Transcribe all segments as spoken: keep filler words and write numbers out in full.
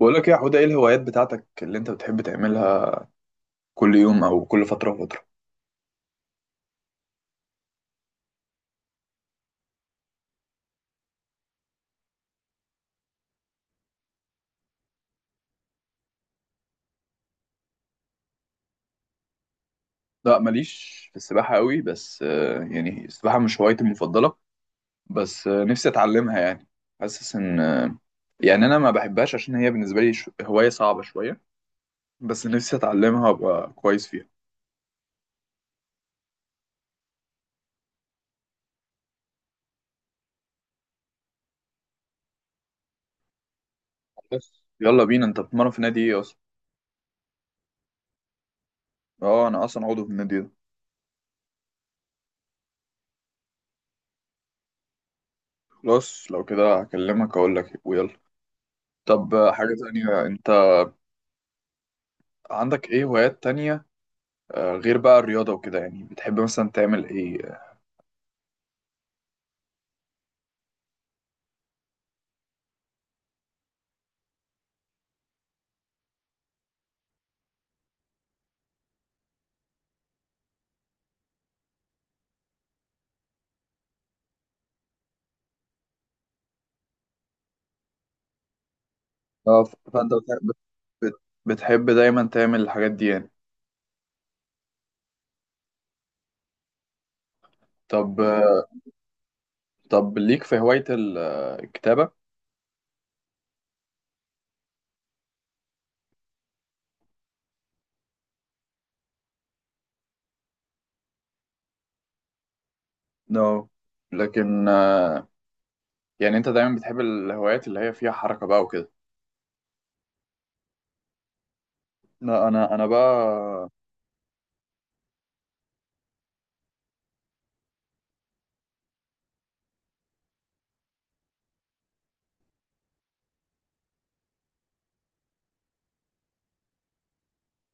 بقول لك إيه، يا حوده، ايه الهوايات بتاعتك اللي انت بتحب تعملها كل يوم او كل فتره وفتره؟ لا، ماليش في السباحه قوي، بس آه، يعني السباحه مش هوايتي المفضله. بس آه، نفسي اتعلمها يعني. حاسس ان آه، يعني انا ما بحبهاش عشان هي بالنسبه لي ش- هوايه صعبه شويه. بس نفسي اتعلمها وابقى كويس فيها. بس يلا بينا، انت بتتمرن في نادي ايه اصلا؟ اه، انا اصلا عضو في النادي ده. خلاص، لو كده هكلمك اقول لك إيه، ويلا. طب، آه، حاجه تانية، انت عندك ايه هوايات تانية؟ آه، غير بقى الرياضة وكده، يعني بتحب مثلا تعمل ايه؟ اه، ف- فانت بتح- بت- بت- بتحب دايما تعمل الحاجات دي يعني؟ طب، آه، طب، ليك في هواية ال- آه، الكتابة؟ نو. لكن، آه، يعني انت دايما بتحب الهوايات اللي هي فيها حركة بقى وكده. لا، انا انا بقى.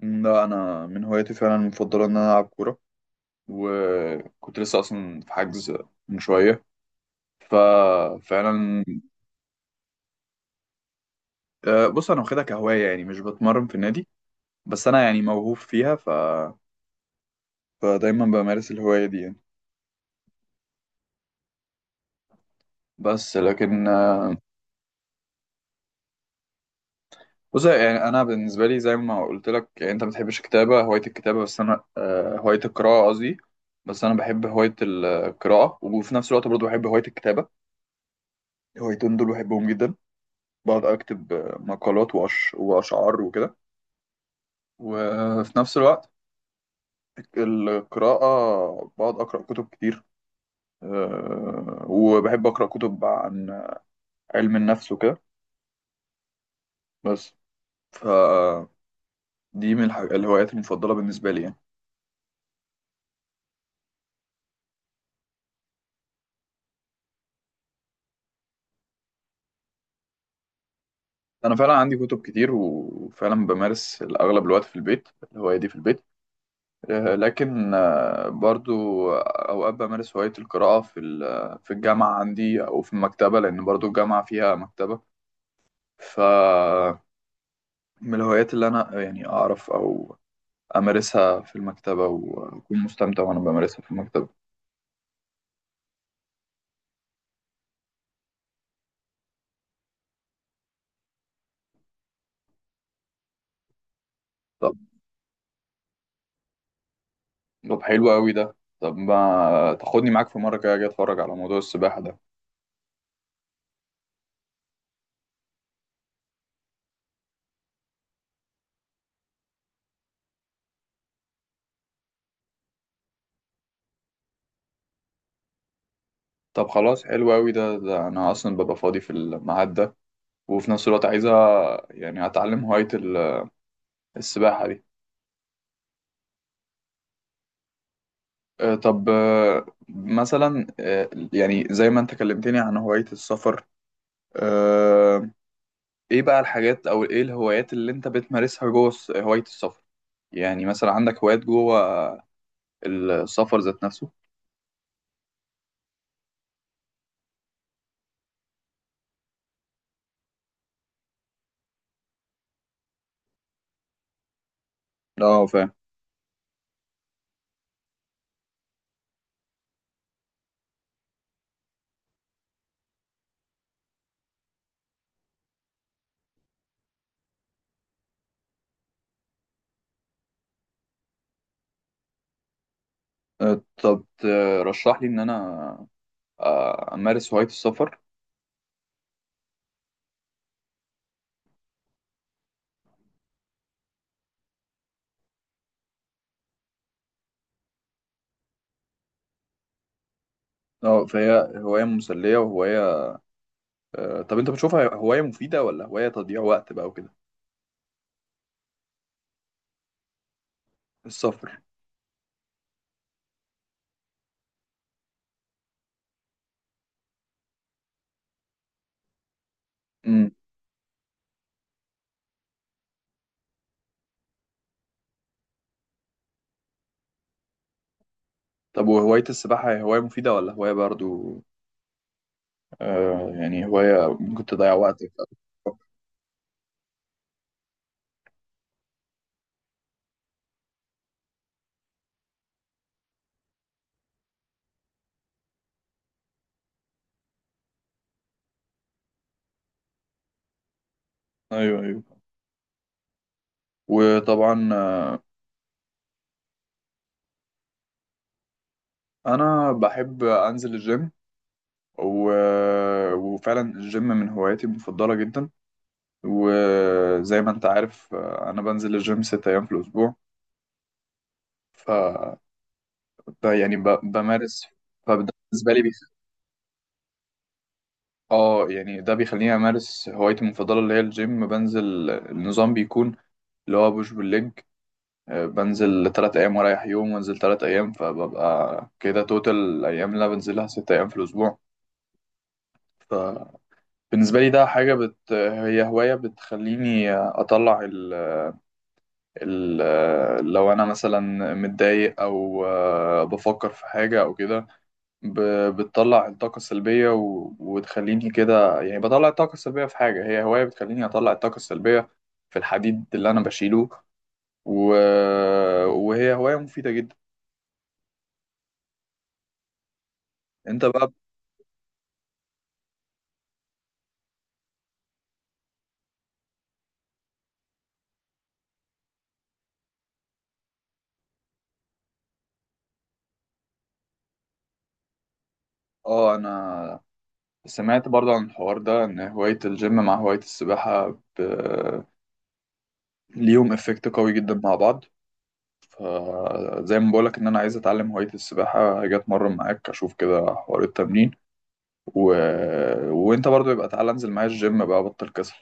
لا، انا من هواياتي فعلا المفضلة ان انا العب كورة، وكنت لسه اصلا في حجز من شوية، ففعلا. آه، بص، انا واخدها كهواية يعني مش بتمرن في النادي، بس انا يعني موهوب فيها. ف فدايما بمارس الهواية دي يعني. بس لكن، آه، بص، يعني أنا بالنسبة لي زي ما قلت لك، يعني أنت ما بتحبش الكتابة، هواية الكتابة. بس أنا آه، هواية القراءة قصدي. بس أنا بحب هواية القراءة، وفي نفس الوقت برضه بحب هواية الكتابة. الهوايتين دول بحبهم جدا. بقعد أكتب آه، مقالات وأش... وأشعار وكده، وفي نفس الوقت القراءة بقعد أقرأ كتب كتير. آه، وبحب أقرأ كتب عن علم النفس وكده. بس، ف دي من الح- الهوايات المفضلة بالنسبة لي يعني. أنا فعلا عندي كتب كتير، وفعلا بمارس الأغلب الوقت في البيت، الهواية دي في البيت. آه، لكن، آه، برضو أوقات بمارس هواية القراءة في ال- في الجامعة عندي أو في المكتبة، لأن برضو الجامعة فيها مكتبة. ف من الهوايات اللي أنا يعني أعرف أو أمارسها في المكتبة، وأكون مستمتع وأنا بمارسها في المكتبة. طب، طب حلو أوي ده. طب، ما تاخدني معاك في مرة كده أجي أتفرج على موضوع السباحة ده. طب خلاص، حلو أوي ده، ده أنا أصلا ببقى فاضي في الميعاد ده، وفي نفس الوقت عايزة يعني أتعلم هواية ال- السباحة دي. آه، طب، آه، مثلا آه، يعني زي ما أنت كلمتني عن هواية السفر. آه، إيه بقى الحاجات أو إيه الهوايات اللي أنت بتمارسها جوه الس- هواية السفر؟ يعني مثلا عندك هوايات جوه السفر ذات نفسه؟ اه، فاهم. آه، طب، ترشح لي إن أنا آه، أمارس هواية السفر؟ اه، فهي هواية مسلية وهواية. آه، طب، انت بتشوفها هواية مفيدة ولا هواية تضييع وقت بقى وكده؟ السفر. امم. طب، وهواية السباحة هي هواية مفيدة ولا هواية برضو آه يعني هواية ممكن تضيع وقتك؟ ايوه، ايوه، وطبعا، آه، انا بحب انزل الجيم و... وفعلا الجيم من هواياتي المفضله جدا. وزي ما انت عارف، آه، انا بنزل الجيم ست ايام في الاسبوع. ف ب- يعني ب... بمارس. فبالنسبه لي اه، يعني ده بيخليني امارس هوايتي المفضله اللي هي الجيم. بنزل، النظام بيكون اللي هو بوش بالليج. آه، بنزل تلات ايام ورايح يوم وانزل تلات ايام، فببقى كده توتال الايام اللي أنا بنزلها ست ايام في الاسبوع. فبالنسبه لي ده حاجه، بت... هي هوايه بتخليني اطلع ال... ال... لو انا مثلا متضايق او آه، بفكر في حاجه او كده، ب- بتطلع الطاقة السلبية و... وتخليني كده، يعني بطلع الطاقة السلبية في حاجة. هي هواية بتخليني أطلع الطاقة السلبية في الحديد اللي أنا بشيله، و... وهي هواية مفيدة جدا. أنت بقى؟ آه أنا سمعت برضو عن الحوار ده، إن هواية الجيم مع هواية السباحة ب... ليهم إفكت قوي جدا مع بعض. فزي ما بقولك، إن أنا عايز أتعلم هواية السباحة هاجي أتمرن معاك أشوف كده حوار التمرين. و... وأنت برضو يبقى تعالى أنزل معايا الجيم بقى، بطل كسل.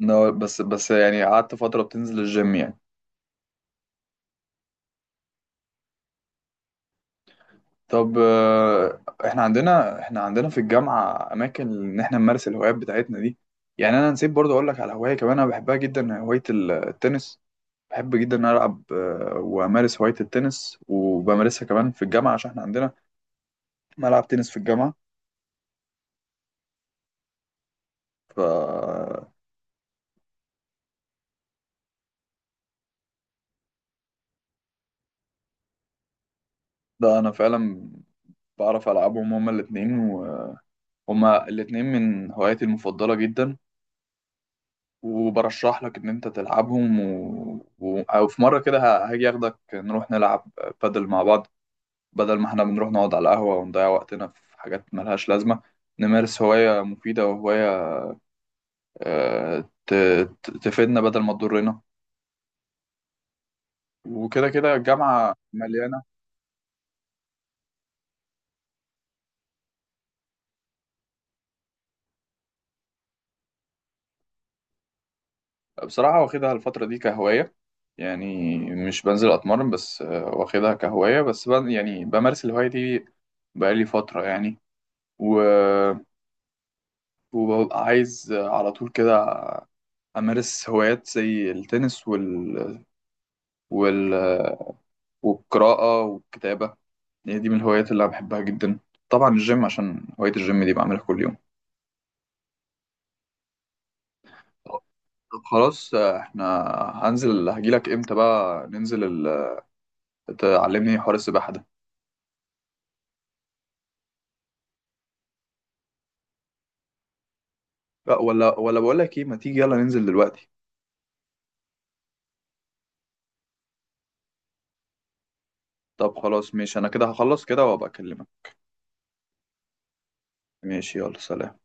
no، بس بس يعني قعدت فترة بتنزل الجيم، يعني. طب، آه، احنا عندنا احنا عندنا في الجامعة أماكن إن احنا نمارس الهوايات بتاعتنا دي. يعني أنا نسيت برضه أقول لك على هواية كمان أنا بحبها جدا، هواية ال- التنس. بحب جدا إن أنا ألعب، آه، وأمارس هواية التنس وبمارسها كمان في الجامعة عشان احنا عندنا ملعب تنس في الجامعة. ف ده أنا فعلا بعرف ألعبهم هما الاتنين، وهما الاتنين من هواياتي المفضلة جدا. وبرشح لك ان انت تلعبهم، و... و... او في مره كده ه- هاجي اخدك نروح نلعب بادل مع بعض، بدل ما احنا بنروح نقعد على القهوه ونضيع وقتنا في حاجات ملهاش لازمه. نمارس هوايه مفيده وهوايه آه، ت... ت- تفيدنا بدل ما تضرنا، وكده كده الجامعه مليانه. بصراحه واخدها الفتره دي كهوايه يعني، مش بنزل اتمرن، بس آه، واخدها كهوايه بس، بن... يعني بمارس الهوايه دي. بقالي فتره يعني، و... وببقى عايز على طول كده أمارس هوايات زي التنس وال... وال... والقراءة والكتابة. هي دي من الهوايات اللي أنا بحبها جدا، طبعا الجيم عشان هواية الجيم دي بعملها كل يوم. طب خلاص، احنا هنزل هجيلك امتى بقى ننزل ال... تعلمني حوار السباحة ده؟ لا، ولا ولا بقول لك ايه، ما تيجي يلا ننزل دلوقتي. طب خلاص، ماشي، انا كده هخلص كده وابقى اكلمك. ماشي، يلا سلام.